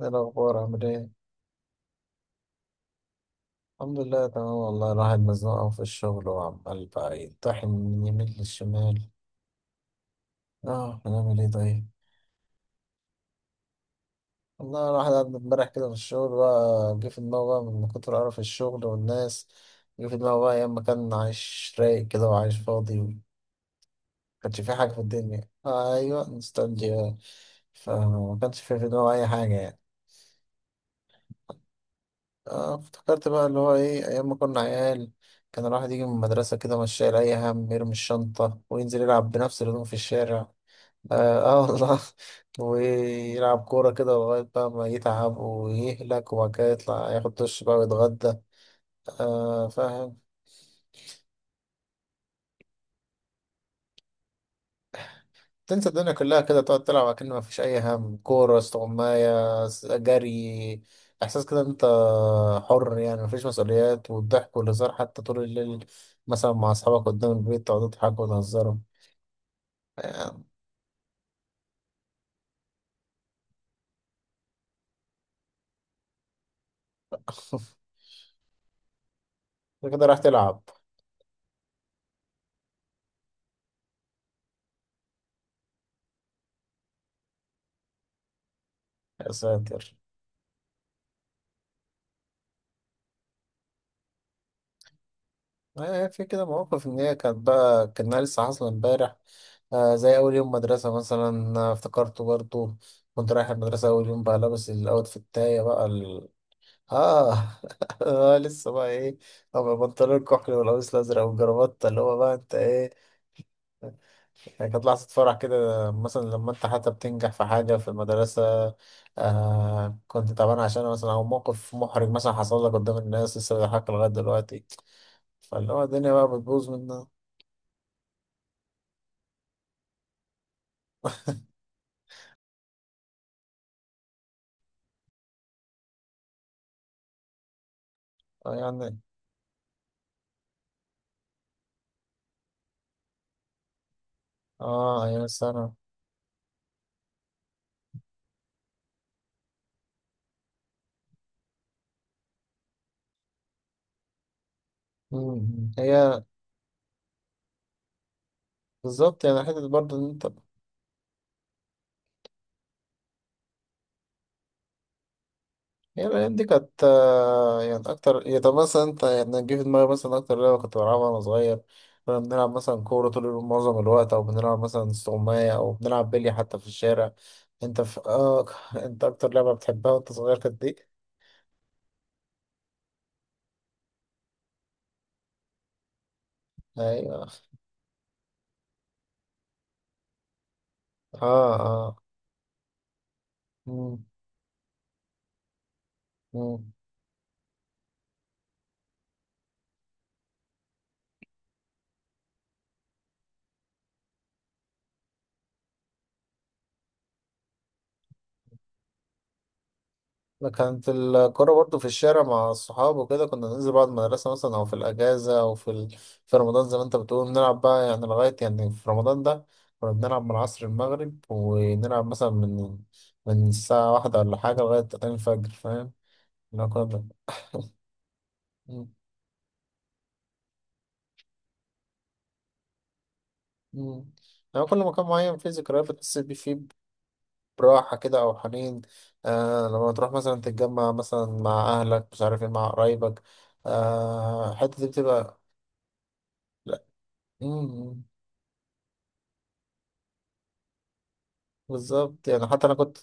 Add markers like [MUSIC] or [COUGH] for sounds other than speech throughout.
ايه الأخبار عامل ايه؟ الحمد لله تمام والله الواحد مزنوق أوي في الشغل وعمال بقى يطحن من يمين للشمال. اه هنعمل ايه طيب؟ والله الواحد قعد امبارح كده في الشغل بقى جه في دماغه بقى من كتر قرف الشغل والناس. جه في دماغه بقى أيام ما كان عايش رايق كده وعايش فاضي. مكانش فيه حاجة في الدنيا. آه أيوة نوستالجيا. فما كانش فيه في دماغه أي حاجة يعني. آه افتكرت بقى اللي هو ايه ايام ما كنا عيال. كان الواحد يجي من المدرسة كده مش شايل اي هم، يرمي الشنطة وينزل يلعب بنفس الهدوم في الشارع. اه, آه والله [LAUGHS] ويلعب كورة كده لغاية بقى ما يتعب ويهلك وبعد كده يطلع ياخد دش بقى ويتغدى. آه فاهم. تنسى الدنيا كلها كده تقعد تلعب كأن ما فيش أي هم، كورة استغماية جري. إحساس كده أنت حر يعني، ما فيش مسؤوليات، والضحك والهزار حتى طول الليل مثلا مع أصحابك قدام البيت تقعدوا تضحكوا وتهزروا. يعني [LAUGHS] أنت كده راح تلعب. يا ساتر. آه، في كده مواقف إن هي كانت بقى كأنها لسه حاصلة إمبارح. آه، زي أول يوم مدرسة مثلا. آه، افتكرته برضه. كنت رايح المدرسة أول يوم بقى لابس الأوت بتاعي بقى. اه [LAUGHS] آه، لسه بقى ايه اما بنطلون الكحل والقميص الازرق والجرافطه اللي هو بقى انت ايه. يعني كانت لحظه فرح كده، مثلا لما انت حتى بتنجح في حاجه في المدرسه. آه كنت تعبان عشان مثلا، او موقف محرج مثلا حصل لك قدام الناس لسه بيضحك لغايه دلوقتي. فاللي هو الدنيا بقى بتبوظ منها. آه، يعني اه ايام السنه. مم. هي بالظبط يعني حته برضه ان انت. هي الأيام دي كانت آه، يعني أكتر يعني. طب مثلا أنت يعني جه في دماغي مثلا أكتر لعبة كنت بلعبها وأنا صغير، كنا بنلعب مثلا كورة طول اليوم معظم الوقت، أو بنلعب مثلا استغماية، أو بنلعب بلي حتى في الشارع. أنت في آه [LAUGHS] أنت أكتر لعبة بتحبها وأنت صغير كانت دي؟ أيوه. آه آه. مم. مم. أنا كانت الكرة برضو في الشارع مع الصحاب وكده، كنا ننزل بعد المدرسة مثلا أو في الأجازة أو في ال... في رمضان زي ما أنت بتقول نلعب بقى يعني لغاية يعني. في رمضان ده كنا بنلعب من عصر المغرب ونلعب مثلا من الساعة واحدة ولا حاجة لغاية تاني الفجر فاهم؟ إن كنا بن- م- م. يعني كل مكان معين فيه ذكريات بتحس بيه، فيه براحة كده أو حنين. آه لما تروح مثلا تتجمع مثلا مع أهلك مش عارف إيه مع قرايبك. آه الحتة دي بتبقى. لا. مم. بالظبط يعني حتى انا كنت،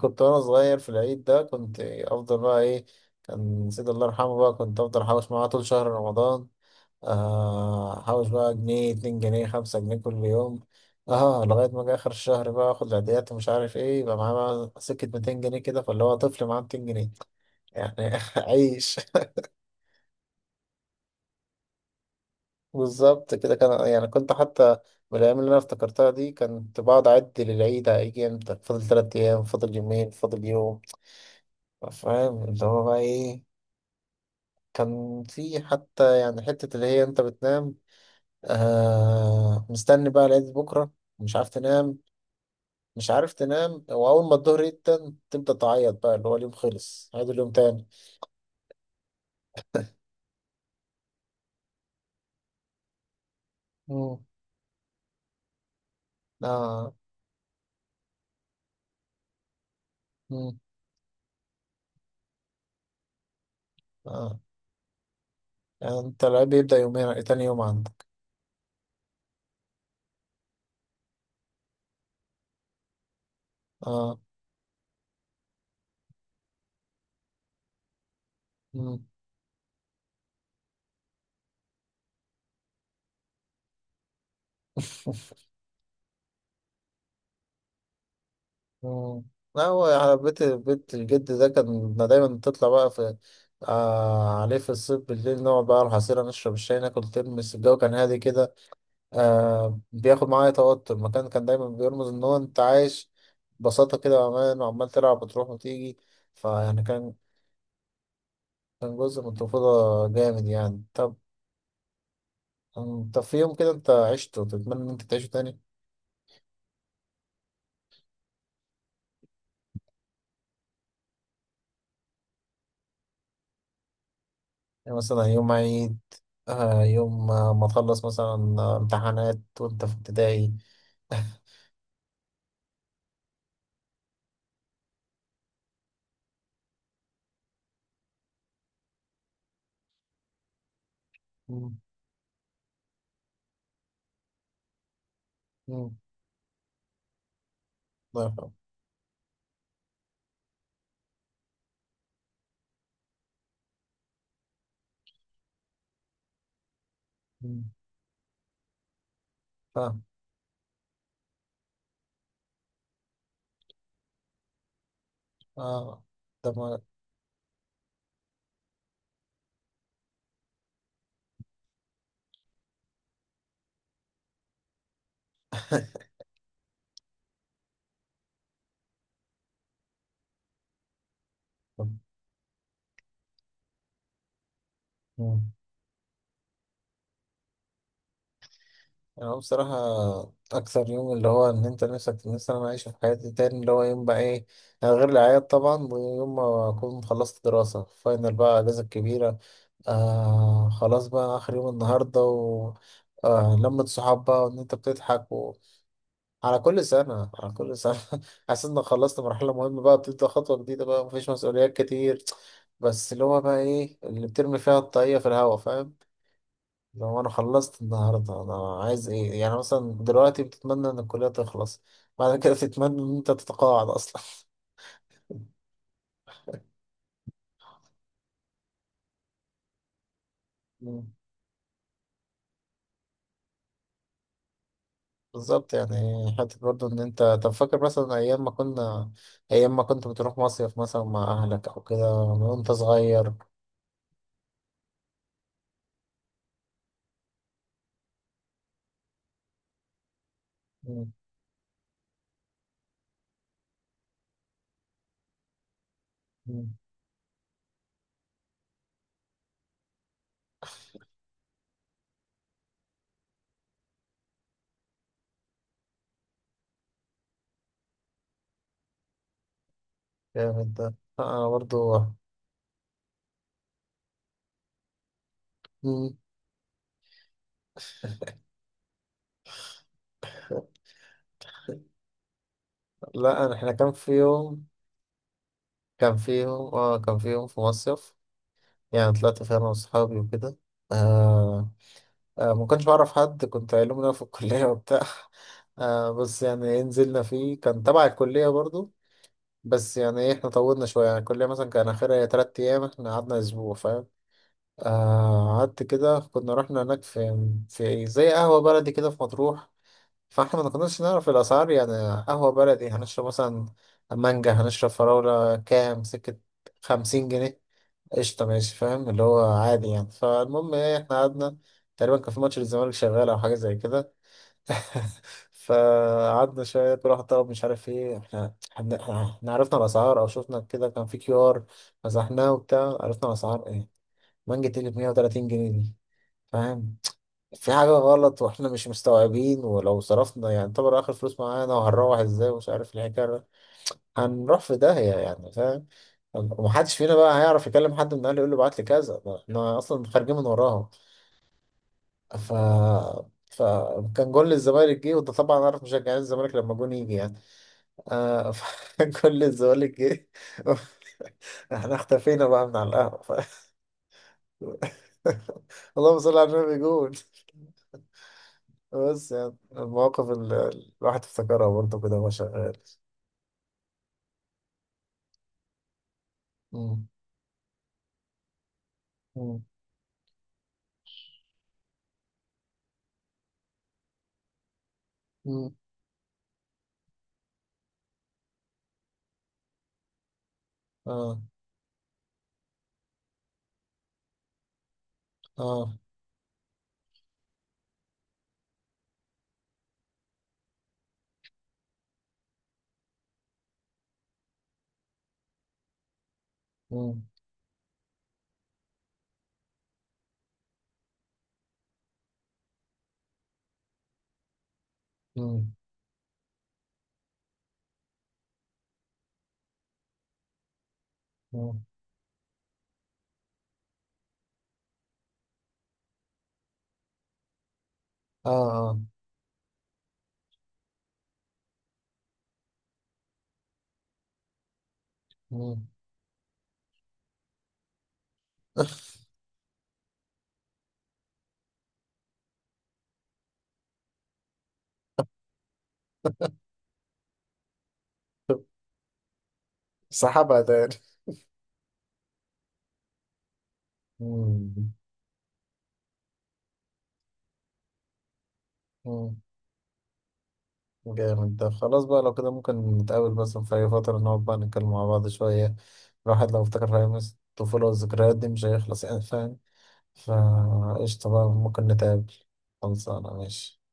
كنت وانا صغير في العيد ده كنت افضل بقى ايه. كان سيد الله يرحمه بقى كنت افضل احوش معاه طول شهر رمضان. آه، احوش بقى جنيه، 2 جنيه، 5 جنيه كل يوم. اه لغاية ما جه اخر الشهر بقى اخد العيديات ومش عارف ايه يبقى معاه بقى سكة 200 جنيه كده، فاللي هو طفل معاه 200 جنيه يعني [LAUGHS] عيش. بالظبط كده كان، يعني كنت حتى من الأيام اللي أنا افتكرتها دي كنت بقعد أعد للعيد، هيجي إمتى، فاضل 3 أيام، فاضل يومين، فاضل يوم. فاهم اللي هو بقى ايه. كان في حتى يعني حتة اللي هي انت بتنام. آه مستني بقى لغاية بكرة. مش عارف تنام. مش عارف تنام، وأول ما الظهر يتن تبدأ تعيط بقى اللي هو اليوم خلص عيد، اليوم تاني. مم. آه. مم. آه. يعني انت العيب بيبدأ يومين، تاني يوم عندك. اه. مم. [LAUGHS] مم. لا هو على بيت بيت الجد ده كان دايما بتطلع بقى آه عليه في الصيف بالليل، نقعد بقى على الحصيرة نشرب الشاي ناكل ترمس، الجو كان هادي كده. آه بياخد معايا توتر، المكان كان دايما بيرمز إن هو أنت عايش ببساطة كده، وأمان، وعمال تلعب وتروح وتيجي. فيعني كان جزء من الطفولة جامد يعني. طب في يوم كده أنت عشته تتمنى إن أنت تعيشه تاني؟ يعني مثلا يوم عيد. آه يوم آه، ما تخلص مثلا آه، امتحانات وأنت في ابتدائي. مم. مم. الله يرحمه. مم. فاهم. اه. ده ما. [LAUGHS] مم. انا بصراحة اكثر يوم اللي هو ان انت نفسك، نفسي انا اعيشه في حياتي تاني اللي هو يوم بقى ايه يعني، غير العياد طبعا ويوم ما اكون خلصت دراسة فاينل بقى اجازة كبيرة. آه خلاص بقى اخر يوم النهاردة و لمة صحاب بقى وان انت بتضحك. على كل سنة، على كل سنة [LAUGHS] حاسس انك خلصت مرحلة مهمة بقى بتبدأ خطوة جديدة بقى مفيش مسؤوليات كتير، بس اللي هو بقى ايه اللي بترمي فيها الطاقية في الهوا فاهم. لو انا خلصت النهاردة انا عايز ايه يعني؟ مثلا دلوقتي بتتمنى ان الكلية تخلص، بعد كده [LAUGHS] تتمنى ان انت تتقاعد اصلا. مم. [LAUGHS] بالظبط يعني. حتى برضو ان انت طب فاكر مثلا ايام ما كنا، ايام ما كنت بتروح مصيف مثلا مع اهلك او كده وانت صغير. مم. مم. جامد ده. انا برضو. لا أنا- احنا كان في يوم، كان في يوم في مصيف يعني طلعت فيه انا واصحابي وكده. آه آه ما كنتش بعرف حد، كنت علوم رياضة في الكلية [LAUGHS] وبتاع. آه بس يعني إيه، نزلنا فيه كان تبع الكلية برضو. بس يعني ايه احنا طولنا شوية يعني، الكلية مثلا كان آخرها 3 أيام احنا قعدنا أسبوع فاهم. آه قعدت كده كنا رحنا هناك في إيه، زي قهوة بلدي كده في مطروح، فاحنا ما كناش نعرف الأسعار يعني. قهوة بلدي هنشرب مثلا، مانجا هنشرب فراولة كام سكة، 50 جنيه، قشطة ماشي فاهم اللي هو عادي يعني. فالمهم ايه احنا قعدنا تقريبا كان في ماتش للزمالك شغال أو حاجة زي كده [LAUGHS] فقعدنا شوية كل واحد طلب مش عارف ايه. احنا عرفنا الأسعار أو شفنا كده كان في كيو آر مسحناه وبتاع عرفنا الأسعار ايه، مانجا تقلب 130 جنيه دي فاهم، في حاجة غلط واحنا مش مستوعبين. ولو صرفنا يعني طبعا اخر فلوس معانا وهنروح ازاي ومش عارف ايه الحكاية، هنروح في داهية يعني فاهم. ومحدش فينا بقى هيعرف يكلم حد من اهله يقول له ابعت لي كذا ما احنا اصلا خارجين من وراهم. ف فكان جول الزمالك جه، وده طبعا عارف مشجعين الزمالك لما جون يجي يعني. آه [LAUGHS] فجول الزمالك جه [LAUGHS] احنا اختفينا بقى من على القهوة [LAUGHS] اللهم صل على النبي جول. بس يعني المواقف اللي الواحد افتكرها برضه كده وهو شغال. مم. مم. مم. اه اه. مم. مم. مم. اه اه. مم. [LAUGHS] سحبها تاني. مم. مم. جامد ده. خلاص بقى لو كده ممكن نتقابل بس في أي فترة نقعد بقى نتكلم مع بعض شوية، الواحد لو افتكر أيام الطفولة والذكريات دي مش هيخلص يعني فاهم. فقشطة بقى ممكن نتقابل، خلصانة ماشي